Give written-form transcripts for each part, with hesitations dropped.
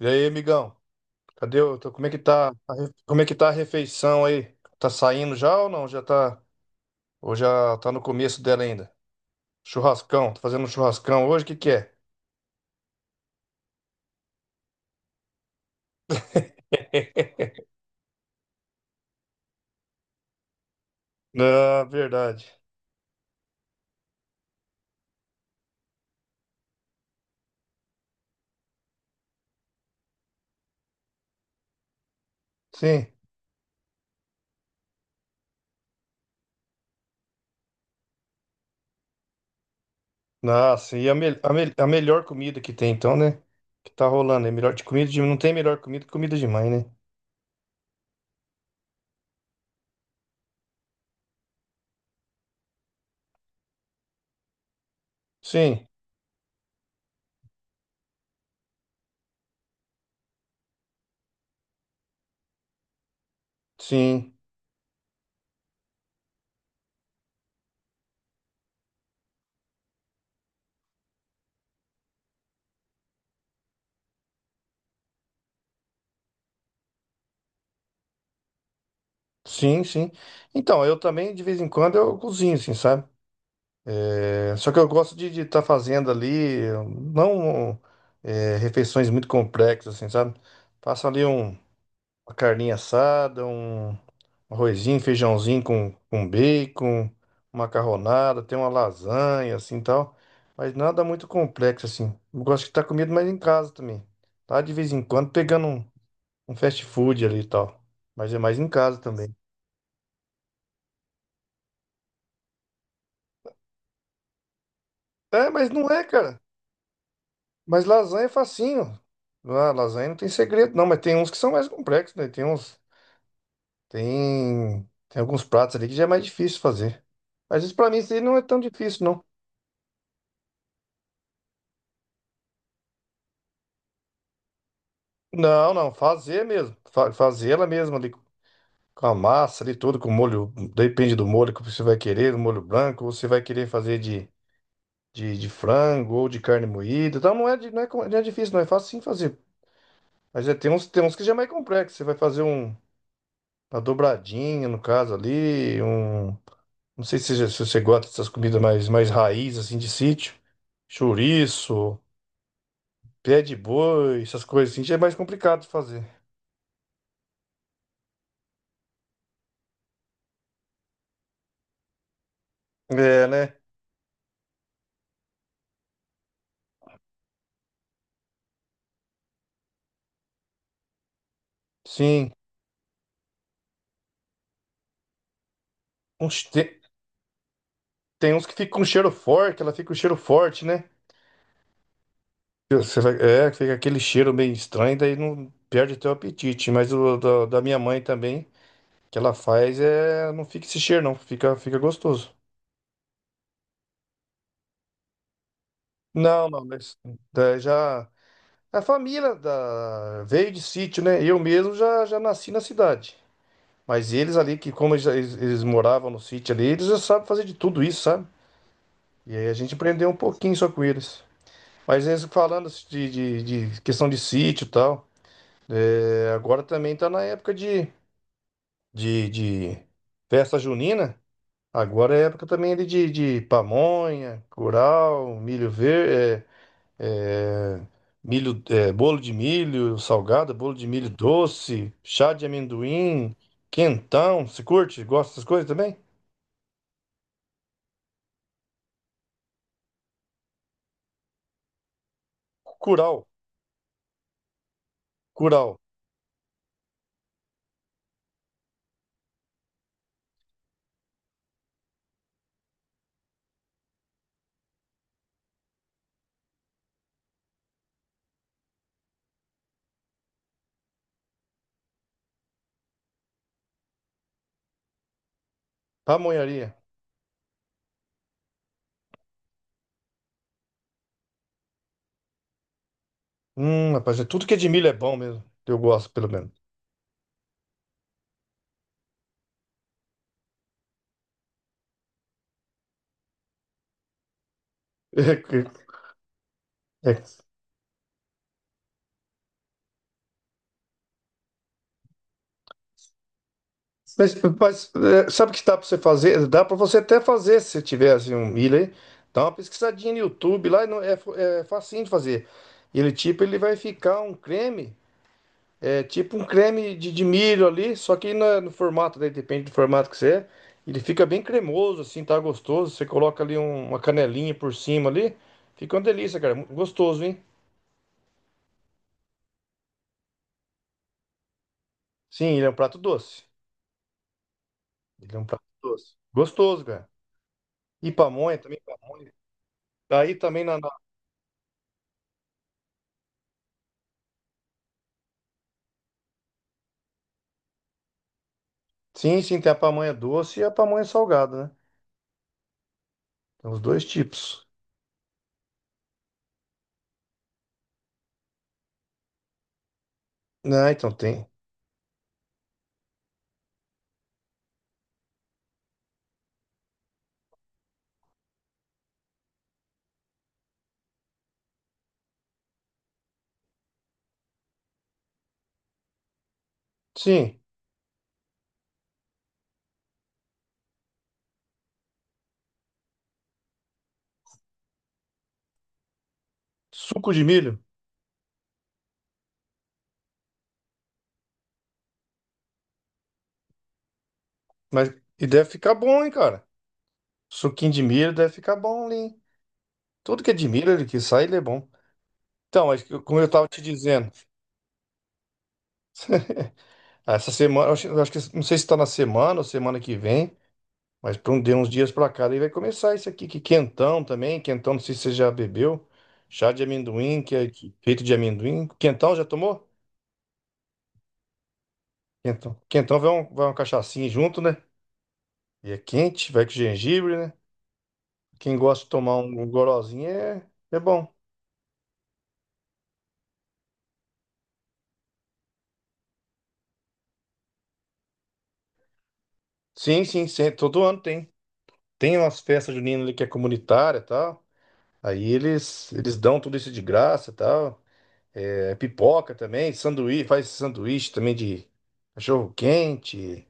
E aí, amigão? Cadê o... Como é que tá... Como é que tá a refeição aí? Tá saindo já ou não? Já tá... Ou já tá no começo dela ainda? Churrascão. Tá fazendo um churrascão hoje? O que que é? Ah, verdade. Sim. Nossa, a melhor comida que tem então, né? Que tá rolando. É melhor de comida de... Não tem melhor comida que comida de mãe, né? Sim. Sim. Sim, sim. Então, eu também, de vez em quando, eu cozinho, assim, sabe? É, só que eu gosto de estar fazendo ali, não é, refeições muito complexas, assim, sabe? Faço ali um, uma carninha assada, um arrozinho, feijãozinho com bacon, uma macarronada, tem uma lasanha, assim, tal. Mas nada muito complexo, assim. Eu gosto de estar comida mais em casa também. Tá, de vez em quando, pegando um, um fast food ali e tal. Mas é mais em casa também. É, mas não é, cara. Mas lasanha é facinho. Ah, lasanha não tem segredo, não, mas tem uns que são mais complexos, né? Tem uns. Tem. Tem alguns pratos ali que já é mais difícil fazer. Mas isso pra mim aí não é tão difícil, não. Não, não, fazer mesmo. Fazer ela mesma ali com a massa ali tudo, com o molho. Depende do molho que você vai querer, o molho branco, ou você vai querer fazer de frango ou de carne moída. Então não é, não é, não é difícil, não é fácil sim fazer. Mas é, tem uns que já é mais complexo. Você vai fazer um, uma dobradinha, no caso ali, um. Não sei se, se você gosta dessas comidas mais, mais raiz, assim, de sítio. Chouriço, pé de boi, essas coisas assim, já é mais complicado de fazer. É, né? Sim. Uns te- Tem uns que ficam com cheiro forte, ela fica com cheiro forte, né? É, fica aquele cheiro meio estranho, daí não perde até o apetite. Mas o da minha mãe também, que ela faz, é, não fica esse cheiro, não. Fica, fica gostoso. Não, não, mas daí já. A família da, veio de sítio, né? Eu mesmo já, já nasci na cidade. Mas eles ali, que como eles moravam no sítio ali, eles já sabem fazer de tudo isso, sabe? E aí a gente aprendeu um pouquinho só com eles. Mas eles falando de questão de sítio e tal, é, agora também tá na época de festa junina. Agora é época também ali de pamonha, curau, milho verde, é, é, milho, é, bolo de milho salgado, bolo de milho doce, chá de amendoim, quentão. Você curte? Gosta dessas coisas também? Curau, curau, pamonharia. Rapaz, é tudo que é de milho é bom mesmo. Eu gosto, pelo menos. É. É, sabe o que dá para você fazer? Dá para você até fazer se tiver assim, um milho aí. Dá uma pesquisadinha no YouTube lá, e não, é, é facinho de fazer. Ele tipo, ele vai ficar um creme, é tipo um creme de milho ali, só que no formato, daí depende do formato que você é. Ele fica bem cremoso, assim, tá gostoso. Você coloca ali um- Uma canelinha por cima ali, fica uma delícia, cara. Gostoso, hein? Sim, ele é um prato doce. Ele é um prato doce. Gostoso, cara. E pamonha também, pamonha. Aí também na, na- Sim, sim, tem a pamonha doce e a pamonha salgada, né? Tem os dois tipos. Ah, então tem. Sim, suco de milho. Mas e deve ficar bom, hein, cara? Suquinho de milho deve ficar bom, ali, hein? Tudo que é de milho, ele que sai, ele é bom. Então, como eu tava te dizendo, essa semana, eu acho que não sei se tá na semana ou semana que vem. Mas para um, de uns dias para cá, daí vai começar isso aqui, que quentão também, quentão, não sei se você já bebeu, chá de amendoim, que é feito de amendoim. Quentão já tomou? Quentão. Quentão vai, um, vai uma cachaçinha junto, né? E é quente, vai com gengibre, né? Quem gosta de tomar um gorozinho é, é bom. Sim, sim, sim, todo ano tem. Tem umas festas juninas ali que é comunitária e tal. Aí eles dão tudo isso de graça e tal. É, pipoca também, sanduíche, faz sanduíche também de cachorro quente.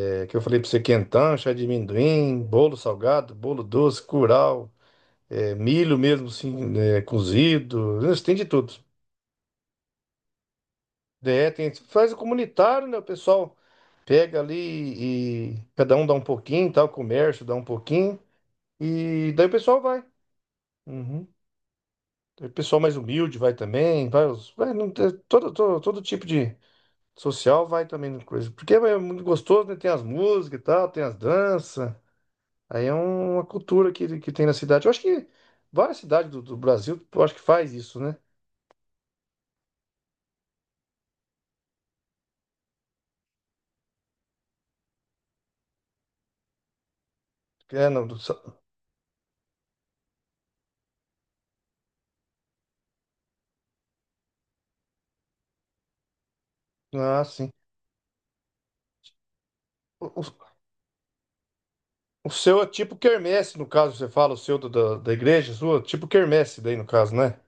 É que eu falei para você quentão, chá de amendoim, bolo salgado, bolo doce, curau, é, milho mesmo assim, é, cozido, né, você tem de tudo. É, tem, faz o comunitário, né? O pessoal pega ali e cada um dá um pouquinho, tá? O comércio dá um pouquinho e daí o pessoal vai. Uhum. O pessoal mais humilde vai também, vai, os- vai não, tem- todo, todo, todo tipo de social vai também, no coisa. Porque é muito gostoso, né? Tem as músicas e tal, tem as danças. Aí uma cultura que tem na cidade. Eu acho que várias cidades do Brasil, eu acho que faz isso, né? É, não, do- ah, sim. O, o- o seu é tipo quermesse, no caso, você fala, o seu da igreja sua, tipo quermesse daí, no caso, né?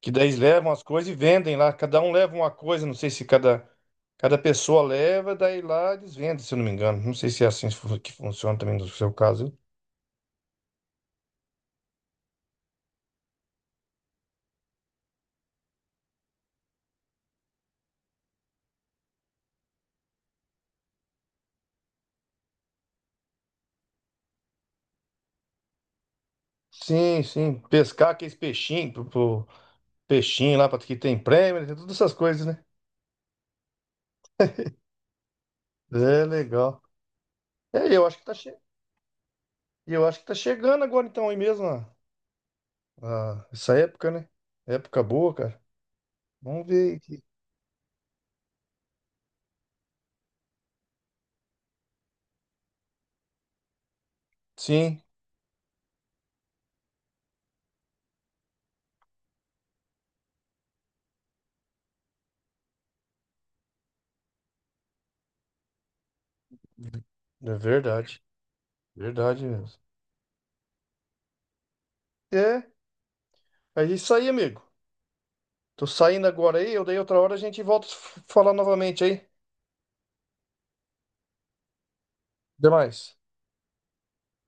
Que daí eles levam as coisas e vendem lá. Cada um leva uma coisa, não sei se cada, cada pessoa leva, daí lá eles vendem, se eu não me engano. Não sei se é assim que funciona também no seu caso, hein? Sim, sim. Pescar aqueles peixinhos, peixinho lá, para que tem prêmio, né? Tem todas essas coisas, né? É legal. É, eu acho que tá chegando agora então aí mesmo, ó, essa época, né? Época boa, cara. Vamos ver aqui. Sim, é verdade. Verdade mesmo. É, é isso aí, amigo. Tô saindo agora aí, eu daí outra hora a gente volta a falar novamente aí. Até mais.